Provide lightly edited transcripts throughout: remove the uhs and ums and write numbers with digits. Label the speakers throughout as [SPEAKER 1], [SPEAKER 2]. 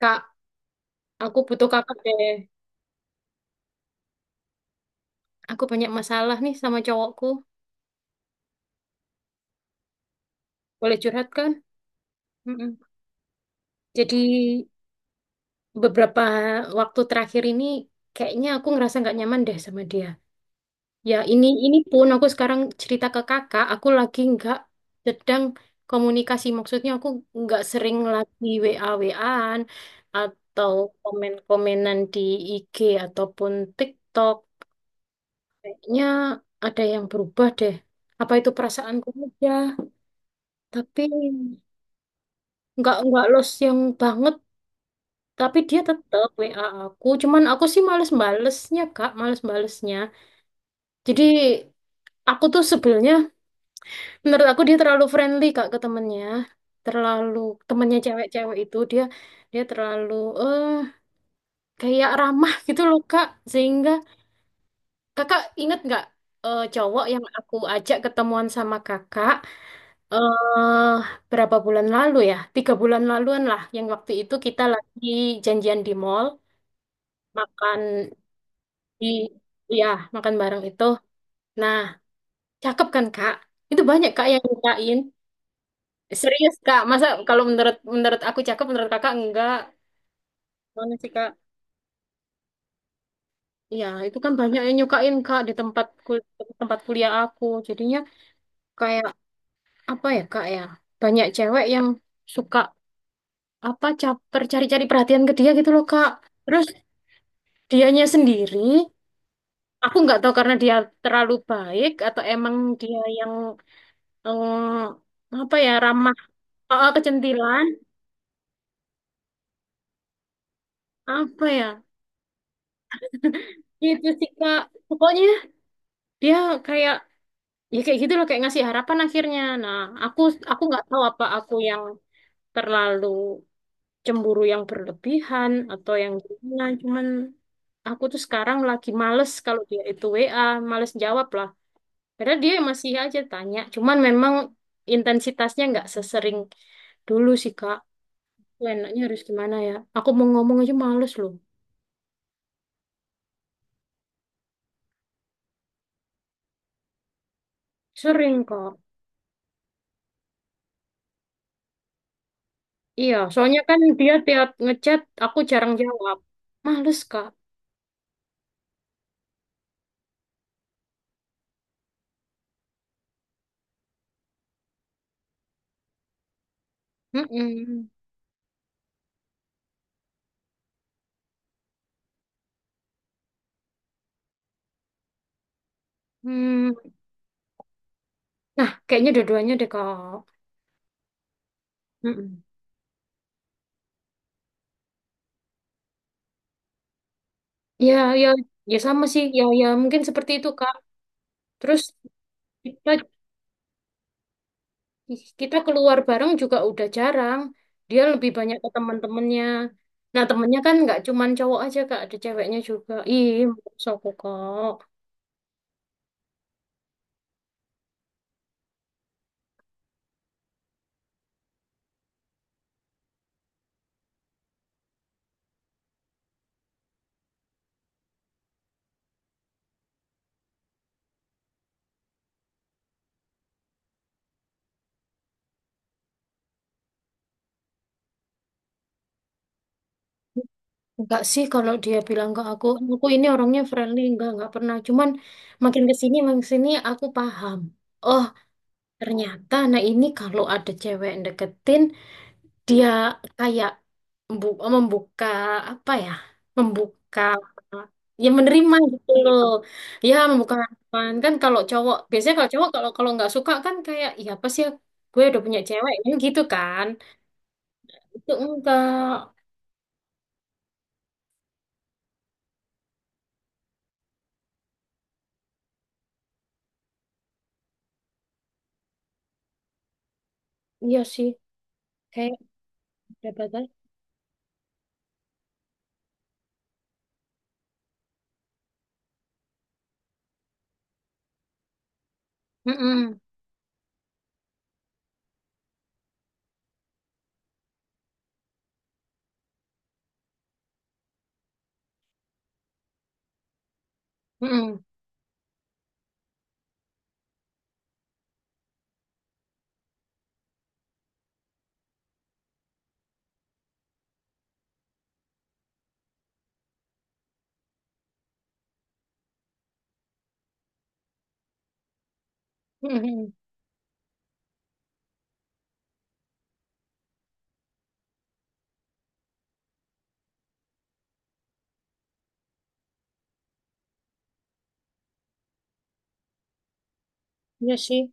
[SPEAKER 1] Kak, aku butuh kakak deh. Aku banyak masalah nih sama cowokku. Boleh curhat kan? Mm-mm. Jadi beberapa waktu terakhir ini kayaknya aku ngerasa nggak nyaman deh sama dia. Ya ini pun aku sekarang cerita ke kakak, aku lagi nggak sedang komunikasi. Maksudnya aku nggak sering lagi WA-WAan atau komen-komenan di IG ataupun TikTok. Kayaknya ada yang berubah deh. Apa itu perasaanku aja? Tapi nggak los yang banget. Tapi dia tetap WA aku. Cuman aku sih males balesnya Kak, males balesnya. Jadi aku tuh sebelnya, menurut aku dia terlalu friendly Kak ke temennya. Terlalu temennya cewek-cewek itu dia dia terlalu eh kayak ramah gitu loh Kak. Sehingga Kakak inget nggak cowok yang aku ajak ketemuan sama Kakak? eh Berapa bulan lalu ya? 3 bulan laluan lah. Yang waktu itu kita lagi janjian di mall, makan di, ya, makan bareng itu. Nah, cakep kan Kak? Itu banyak Kak yang nyukain. Serius Kak, masa kalau menurut menurut aku cakep, menurut Kakak enggak? Mana sih Kak? Ya, itu kan banyak yang nyukain Kak di tempat kuliah aku. Jadinya kayak apa ya Kak ya? Banyak cewek yang suka apa caper cari-cari perhatian ke dia gitu loh Kak. Terus dianya sendiri aku nggak tahu karena dia terlalu baik atau emang dia yang apa ya, ramah, oh, oh, kecentilan, apa ya, itu sih Kak. Pokoknya dia kayak, ya kayak gitu loh, kayak ngasih harapan akhirnya. Nah aku nggak tahu apa aku yang terlalu cemburu yang berlebihan atau yang gimana. Cuman aku tuh sekarang lagi males kalau dia itu WA, males jawab lah. Padahal dia masih aja tanya. Cuman memang intensitasnya nggak sesering dulu sih, Kak. Aku enaknya harus gimana ya? Aku mau ngomong aja males loh. Sering, Kak. Iya, soalnya kan dia tiap ngechat, aku jarang jawab. Males, Kak. Mm-mm. Hmm. Nah, kayaknya dua-duanya deh, Kak. Mm-mm. Ya, ya, ya sama sih. Ya, ya mungkin seperti itu, Kak. Terus kita Ih, kita keluar bareng juga udah jarang. Dia lebih banyak ke teman-temannya. Nah, temennya kan nggak cuman cowok aja, Kak. Ada ceweknya juga. Ih, maksud aku, Kak. Enggak sih kalau dia bilang ke aku ini orangnya friendly. Enggak pernah. Cuman makin ke sini aku paham. Oh, ternyata nah ini kalau ada cewek yang deketin, dia kayak oh, membuka apa ya? Membuka, ya menerima gitu loh. Ya membuka harapan kan kalau cowok, biasanya kalau cowok, kalau kalau nggak suka kan kayak, ya apa sih ya, gue udah punya cewek kan gitu kan. Itu enggak. Iya sih. Kayak ada batas. Mm-mm. Mm-mm. Mm-mm. Iya sih.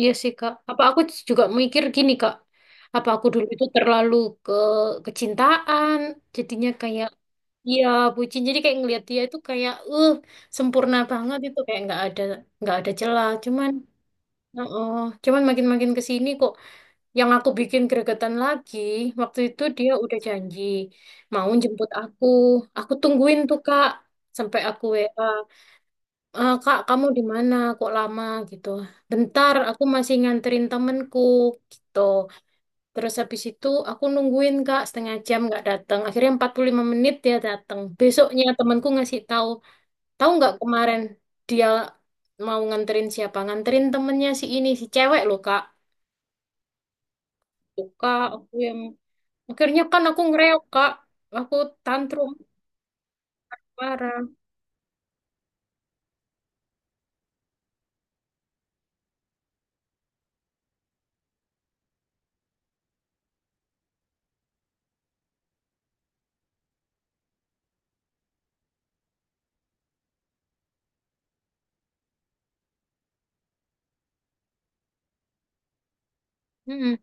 [SPEAKER 1] Iya sih Kak. Apa aku juga mikir gini Kak. Apa aku dulu itu terlalu ke kecintaan jadinya kayak, iya, bucin. Jadi kayak ngelihat dia itu kayak, sempurna banget, itu kayak nggak ada celah. Oh, cuman makin-makin ke sini kok yang aku bikin gregetan lagi. Waktu itu dia udah janji mau jemput aku. Aku tungguin tuh Kak sampai aku WA, "Eh, Kak, kamu di mana? Kok lama gitu? Bentar, aku masih nganterin temenku gitu." Terus habis itu aku nungguin Kak setengah jam nggak datang. Akhirnya 45 menit dia datang. Besoknya temanku ngasih tahu, tahu nggak kemarin dia mau nganterin siapa? Nganterin temennya si ini, si cewek loh Kak. Tuh, Kak, aku yang akhirnya kan aku ngereok Kak. Aku tantrum parah. Hmm,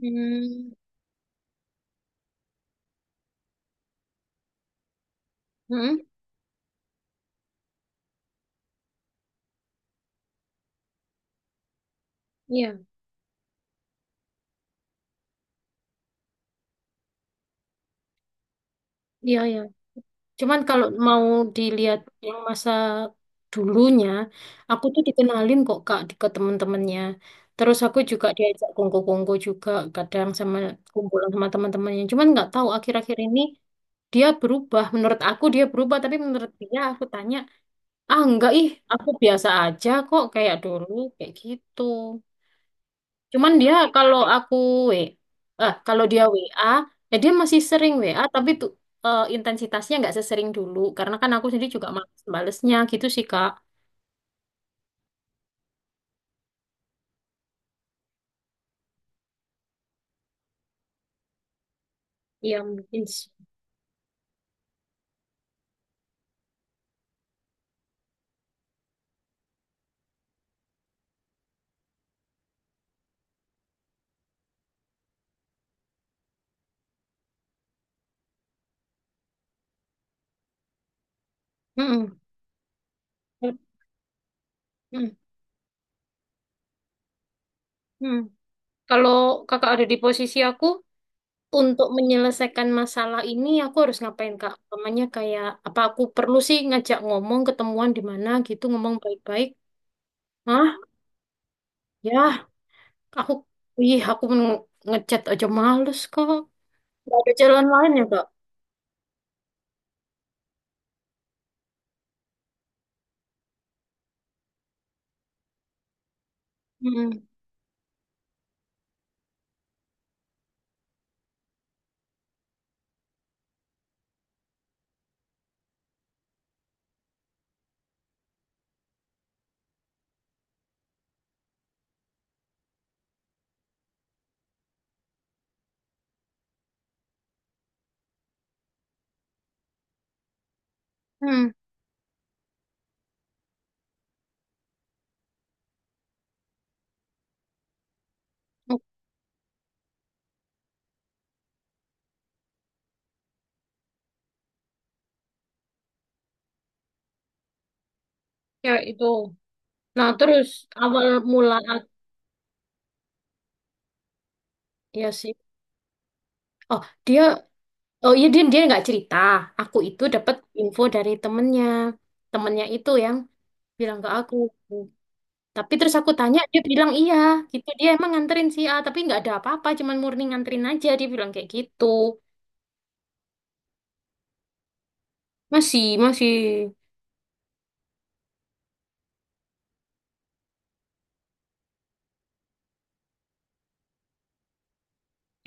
[SPEAKER 1] hmm, hmm, iya, iya, iya. Cuman kalau mau dilihat yang masa dulunya, aku tuh dikenalin kok Kak ke temen-temennya. Terus aku juga diajak kongko-kongko juga kadang sama kumpulan sama teman-temannya. Cuman nggak tahu akhir-akhir ini dia berubah. Menurut aku dia berubah, tapi menurut dia aku tanya, ah enggak ih, aku biasa aja kok kayak dulu kayak gitu. Cuman dia kalau aku W, eh kalau dia WA, ya dia masih sering WA, tapi tuh intensitasnya nggak sesering dulu. Karena kan aku sendiri juga males balesnya gitu sih, Kak. Iya, mungkin sih. Mm-mm. Mm-mm. Mm. Kalau kakak ada di posisi aku, untuk menyelesaikan masalah ini, aku harus ngapain, Kak? Namanya kayak, apa aku perlu sih ngajak ngomong, ketemuan di mana gitu, ngomong baik-baik. Hah? Ya, aku, ih, aku ngechat aja males, Kak. Nggak ada jalan lain ya, Kak? Hmm, hmm, oke itu. Nah terus awal mula ya sih. Oh dia, oh iya, dia dia nggak cerita. Aku itu dapat info dari temennya, temennya itu yang bilang ke aku. Tapi terus aku tanya, dia bilang iya, gitu. Dia emang nganterin si A, tapi nggak ada apa-apa, cuman murni nganterin aja. Dia bilang kayak gitu. Masih, masih.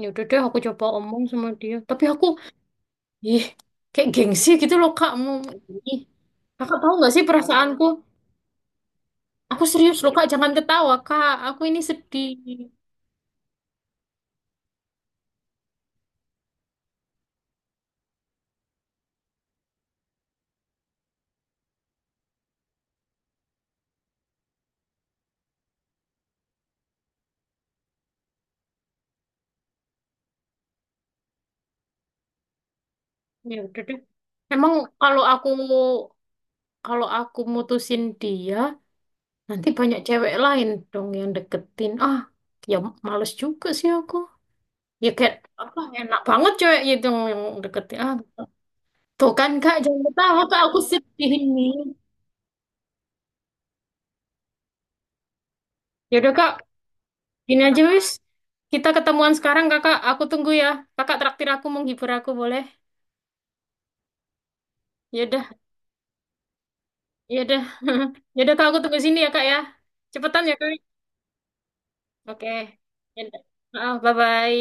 [SPEAKER 1] Ya udah deh, aku coba omong sama dia. Tapi aku, ih, kayak gengsi gitu loh Kak. Mau, ih. Kakak tahu nggak sih perasaanku? Aku serius loh Kak, jangan ketawa Kak. Aku ini sedih. Ya udah deh. Emang kalau aku kalau aku mutusin dia, nanti banyak cewek lain dong yang deketin. Ah, ya males juga sih aku. Ya kayak apa? Enak banget cewek itu yang deketin. Ah, tuh kan Kak, jangan ketawa Kak. Aku sedih ini. Ya udah Kak, gini aja wis. Kita ketemuan sekarang kakak. Aku tunggu ya. Kakak traktir aku, menghibur aku boleh? Ya udah. Iya udah. Ya udah Kak aku tunggu sini ya Kak ya. Cepetan ya Kak. Oke. Ya udah. Maaf, bye-bye.